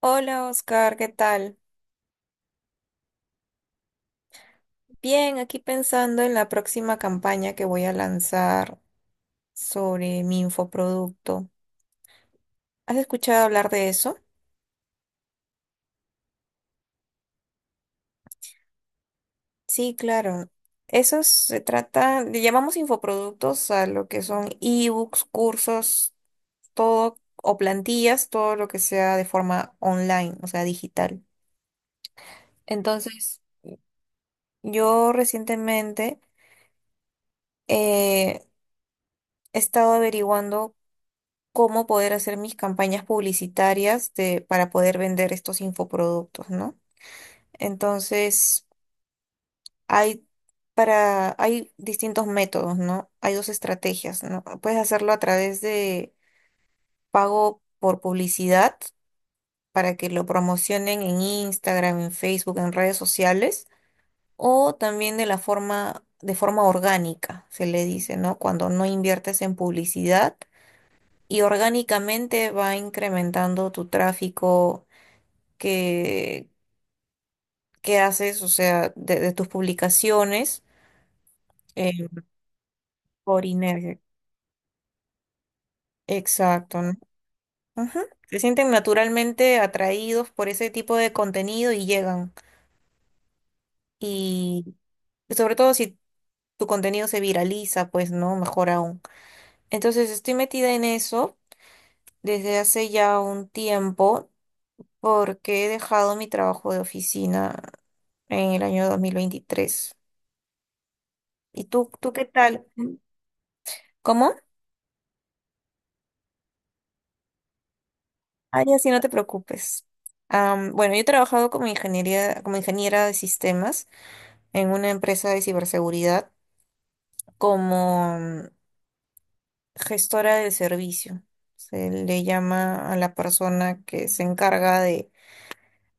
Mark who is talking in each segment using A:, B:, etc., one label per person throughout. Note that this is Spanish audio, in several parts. A: Hola Oscar, ¿qué tal? Bien, aquí pensando en la próxima campaña que voy a lanzar sobre mi infoproducto. ¿Has escuchado hablar de eso? Sí, claro. Eso se trata, le llamamos infoproductos a lo que son ebooks, cursos, todo, o plantillas, todo lo que sea de forma online, o sea, digital. Entonces, yo recientemente eh, he estado averiguando cómo poder hacer mis campañas publicitarias de, para poder vender estos infoproductos, ¿no? Entonces, hay para, hay distintos métodos, ¿no? Hay dos estrategias, ¿no? Puedes hacerlo a través de pago por publicidad para que lo promocionen en Instagram, en Facebook, en redes sociales, o también de la forma, de forma orgánica, se le dice, ¿no? Cuando no inviertes en publicidad y orgánicamente va incrementando tu tráfico que, que haces, o sea, de tus publicaciones eh, por inercia. Exacto, ¿no? Ujú. Se sienten naturalmente atraídos por ese tipo de contenido y llegan. Y sobre todo si tu contenido se viraliza, pues no, mejor aún. Entonces estoy metida en eso desde hace ya un tiempo porque he dejado mi trabajo de oficina en el año 2023. ¿Y tú qué tal? ¿Cómo? Ay, así no te preocupes. Bueno, yo he trabajado como ingeniería, como ingeniera de sistemas en una empresa de ciberseguridad como gestora del servicio. Se le llama a la persona que se encarga de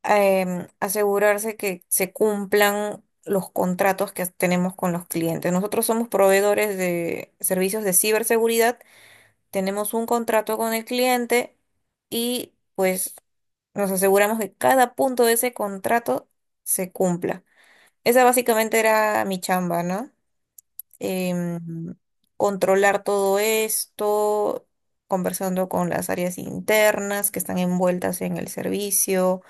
A: asegurarse que se cumplan los contratos que tenemos con los clientes. Nosotros somos proveedores de servicios de ciberseguridad, tenemos un contrato con el cliente y pues nos aseguramos que cada punto de ese contrato se cumpla. Esa básicamente era mi chamba, ¿no? Em, controlar todo esto, conversando con las áreas internas que están envueltas en el servicio,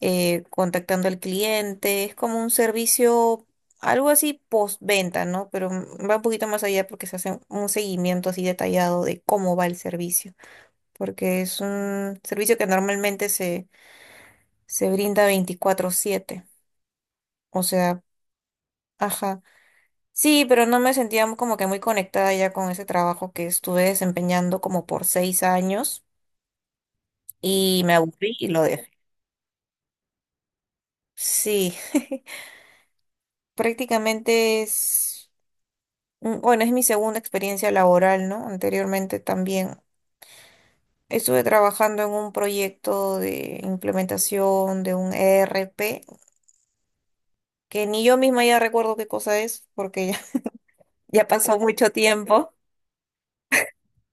A: contactando al cliente. Es como un servicio, algo así postventa, ¿no? Pero va un poquito más allá porque se hace un seguimiento así detallado de cómo va el servicio porque es un servicio que normalmente se, se brinda 24/7. O sea, ajá. Sí, pero no me sentía como que muy conectada ya con ese trabajo que estuve desempeñando como por 6 años y me aburrí y lo dejé. Sí, prácticamente es, mm, bueno, es mi segunda experiencia laboral, ¿no? Anteriormente también estuve trabajando en un proyecto de implementación de un ERP, que ni yo misma ya recuerdo qué cosa es, porque ya ya pasó mucho tiempo.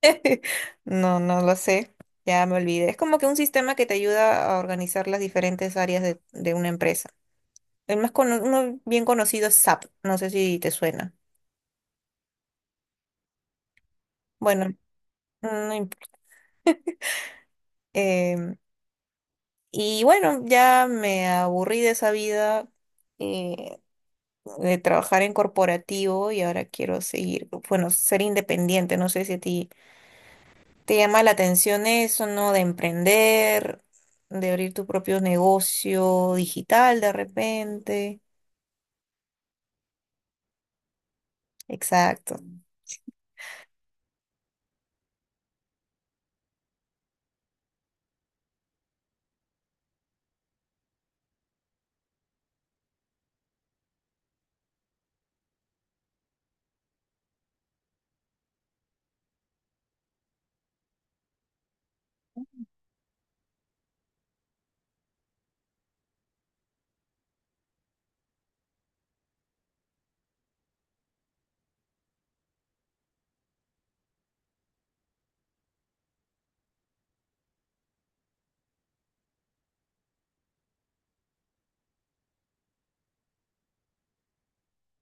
A: No, no lo sé. Ya me olvidé. Es como que un sistema que te ayuda a organizar las diferentes áreas de una empresa. El más cono- uno bien conocido es SAP. No sé si te suena. Bueno, no imp- em, y bueno, ya me aburrí de esa vida, eh, de trabajar en corporativo y ahora quiero seguir, bueno, ser independiente. No sé si a ti. ¿Te llama la atención eso, no? De emprender, de abrir tu propio negocio digital de repente. Exacto.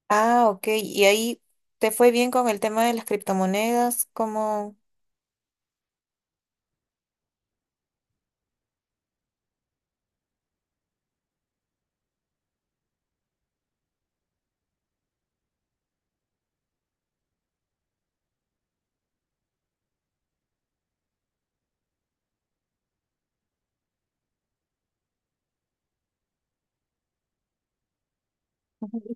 A: Ah, ok. ¿Y ahí te fue bien con el tema de las criptomonedas? ¿Cómo? Ujú.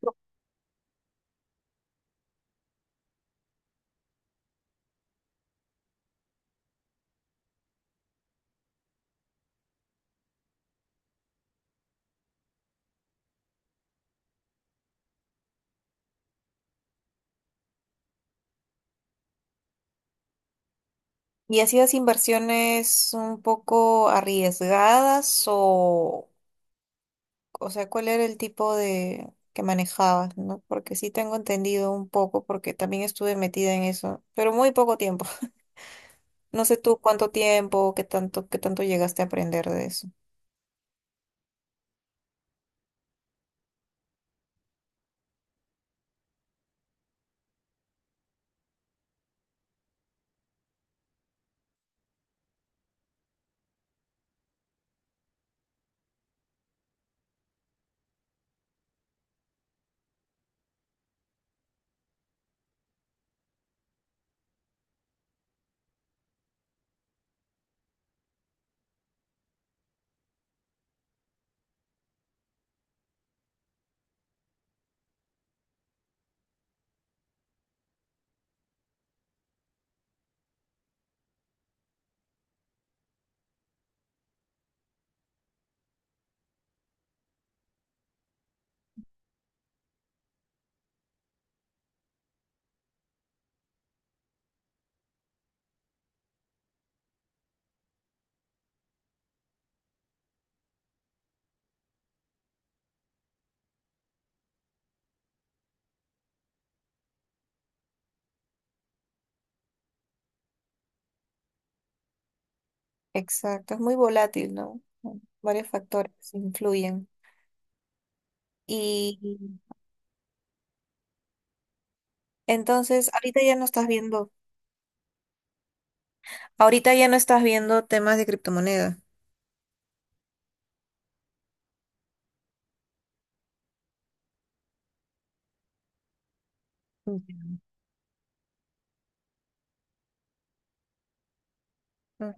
A: ¿Y hacías inversiones un poco arriesgadas o sea, cuál era el tipo de que manejabas, ¿no? Porque sí tengo entendido un poco, porque también estuve metida en eso, pero muy poco tiempo. No sé tú cuánto tiempo, qué tanto llegaste a aprender de eso. Exacto, es muy volátil, ¿no? Bueno, varios factores influyen. Y entonces, ahorita ya no estás viendo, ahorita ya no estás viendo temas de criptomoneda. Mm. Mm.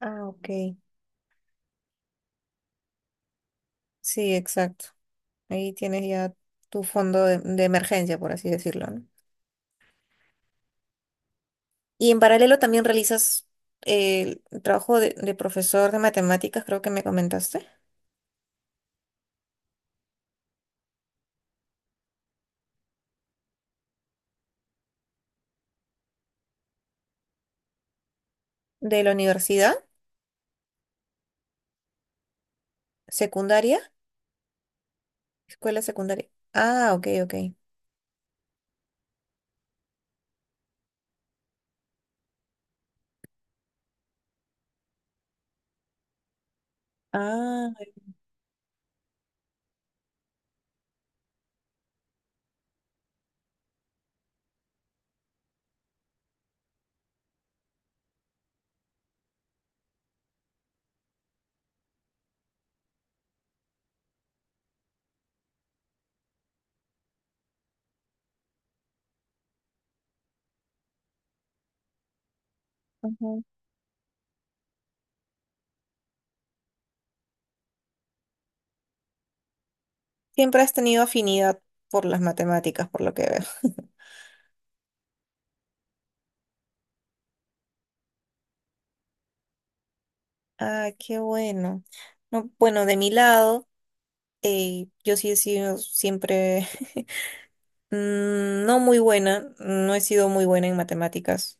A: Ah, ok. Sí, exacto. Ahí tienes ya tu fondo de emergencia, por así decirlo, ¿no? Y en paralelo también realizas el trabajo de profesor de matemáticas, creo que me comentaste, de la universidad, secundaria. Escuela secundaria. Ah, ok, ok. Ah, ujú. Siempre has tenido afinidad por las matemáticas, por lo que veo. Ah, qué bueno. No, bueno, de mi lado, yo sí he sido siempre mm, no muy buena, no he sido muy buena en matemáticas,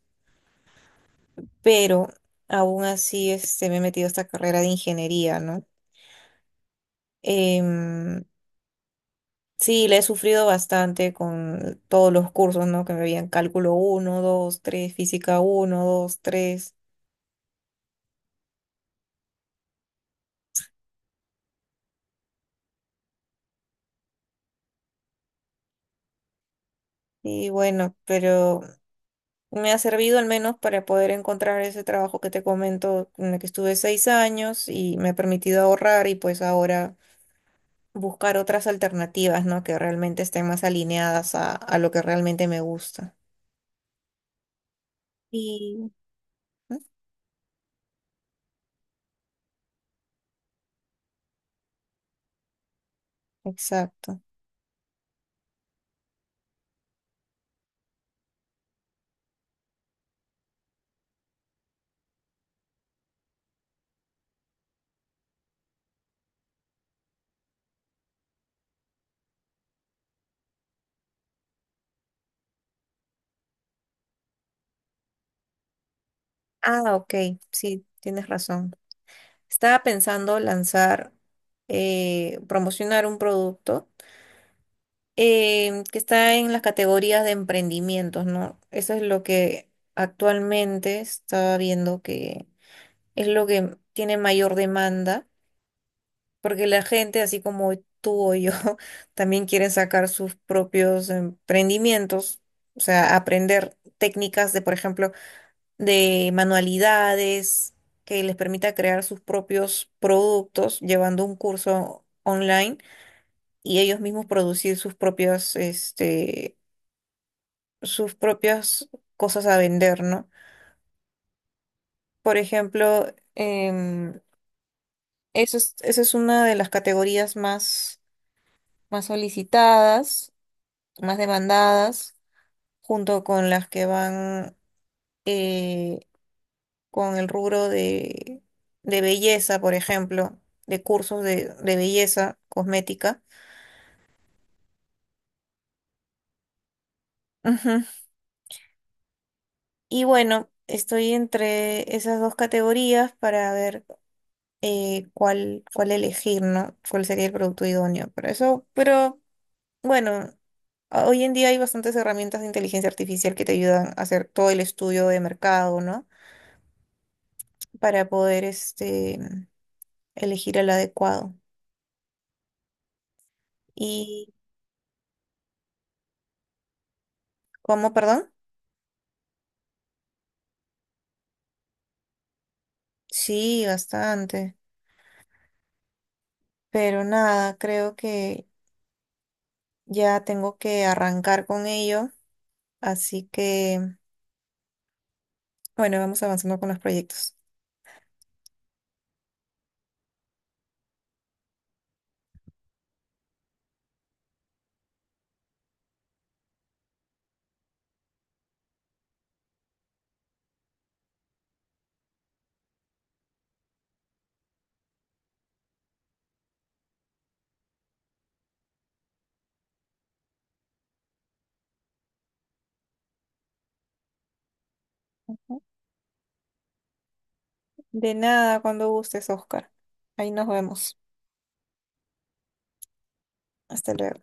A: pero aún así este, me he metido a esta carrera de ingeniería, ¿no? Em, sí, le he sufrido bastante con todos los cursos, ¿no? Que me habían cálculo uno, 2, 3, física uno, 2, tres. Y bueno, pero me ha servido al menos para poder encontrar ese trabajo que te comento, en el que estuve 6 años y me ha permitido ahorrar y pues ahora buscar otras alternativas, ¿no? Que realmente estén más alineadas a lo que realmente me gusta. Y, ¿mm? Exacto. Ah, ok, sí, tienes razón. Estaba pensando lanzar, promocionar un producto que está en las categorías de emprendimientos, ¿no? Eso es lo que actualmente estaba viendo que es lo que tiene mayor demanda, porque la gente, así como tú o yo, también quieren sacar sus propios emprendimientos, o sea, aprender técnicas de, por ejemplo, de manualidades que les permita crear sus propios productos llevando un curso online y ellos mismos producir sus propias, este, sus propias cosas a vender, ¿no? Por ejemplo, em, eso es, esa es una de las categorías más, más solicitadas, más demandadas, junto con las que van... eh, con el rubro de belleza, por ejemplo, de cursos de belleza cosmética. Ujú. Y bueno, estoy entre esas dos categorías para ver cuál, cuál elegir, ¿no? Cuál sería el producto idóneo para eso. Pero bueno, a- hoy en día hay bastantes herramientas de inteligencia artificial que te ayudan a hacer todo el estudio de mercado, ¿no? Para poder este, elegir el adecuado. ¿Y cómo, perdón? Sí, bastante. Pero nada, creo que ya tengo que arrancar con ello, así que bueno, vamos avanzando con los proyectos. De nada, cuando gustes, Oscar. Ahí nos vemos. Hasta luego.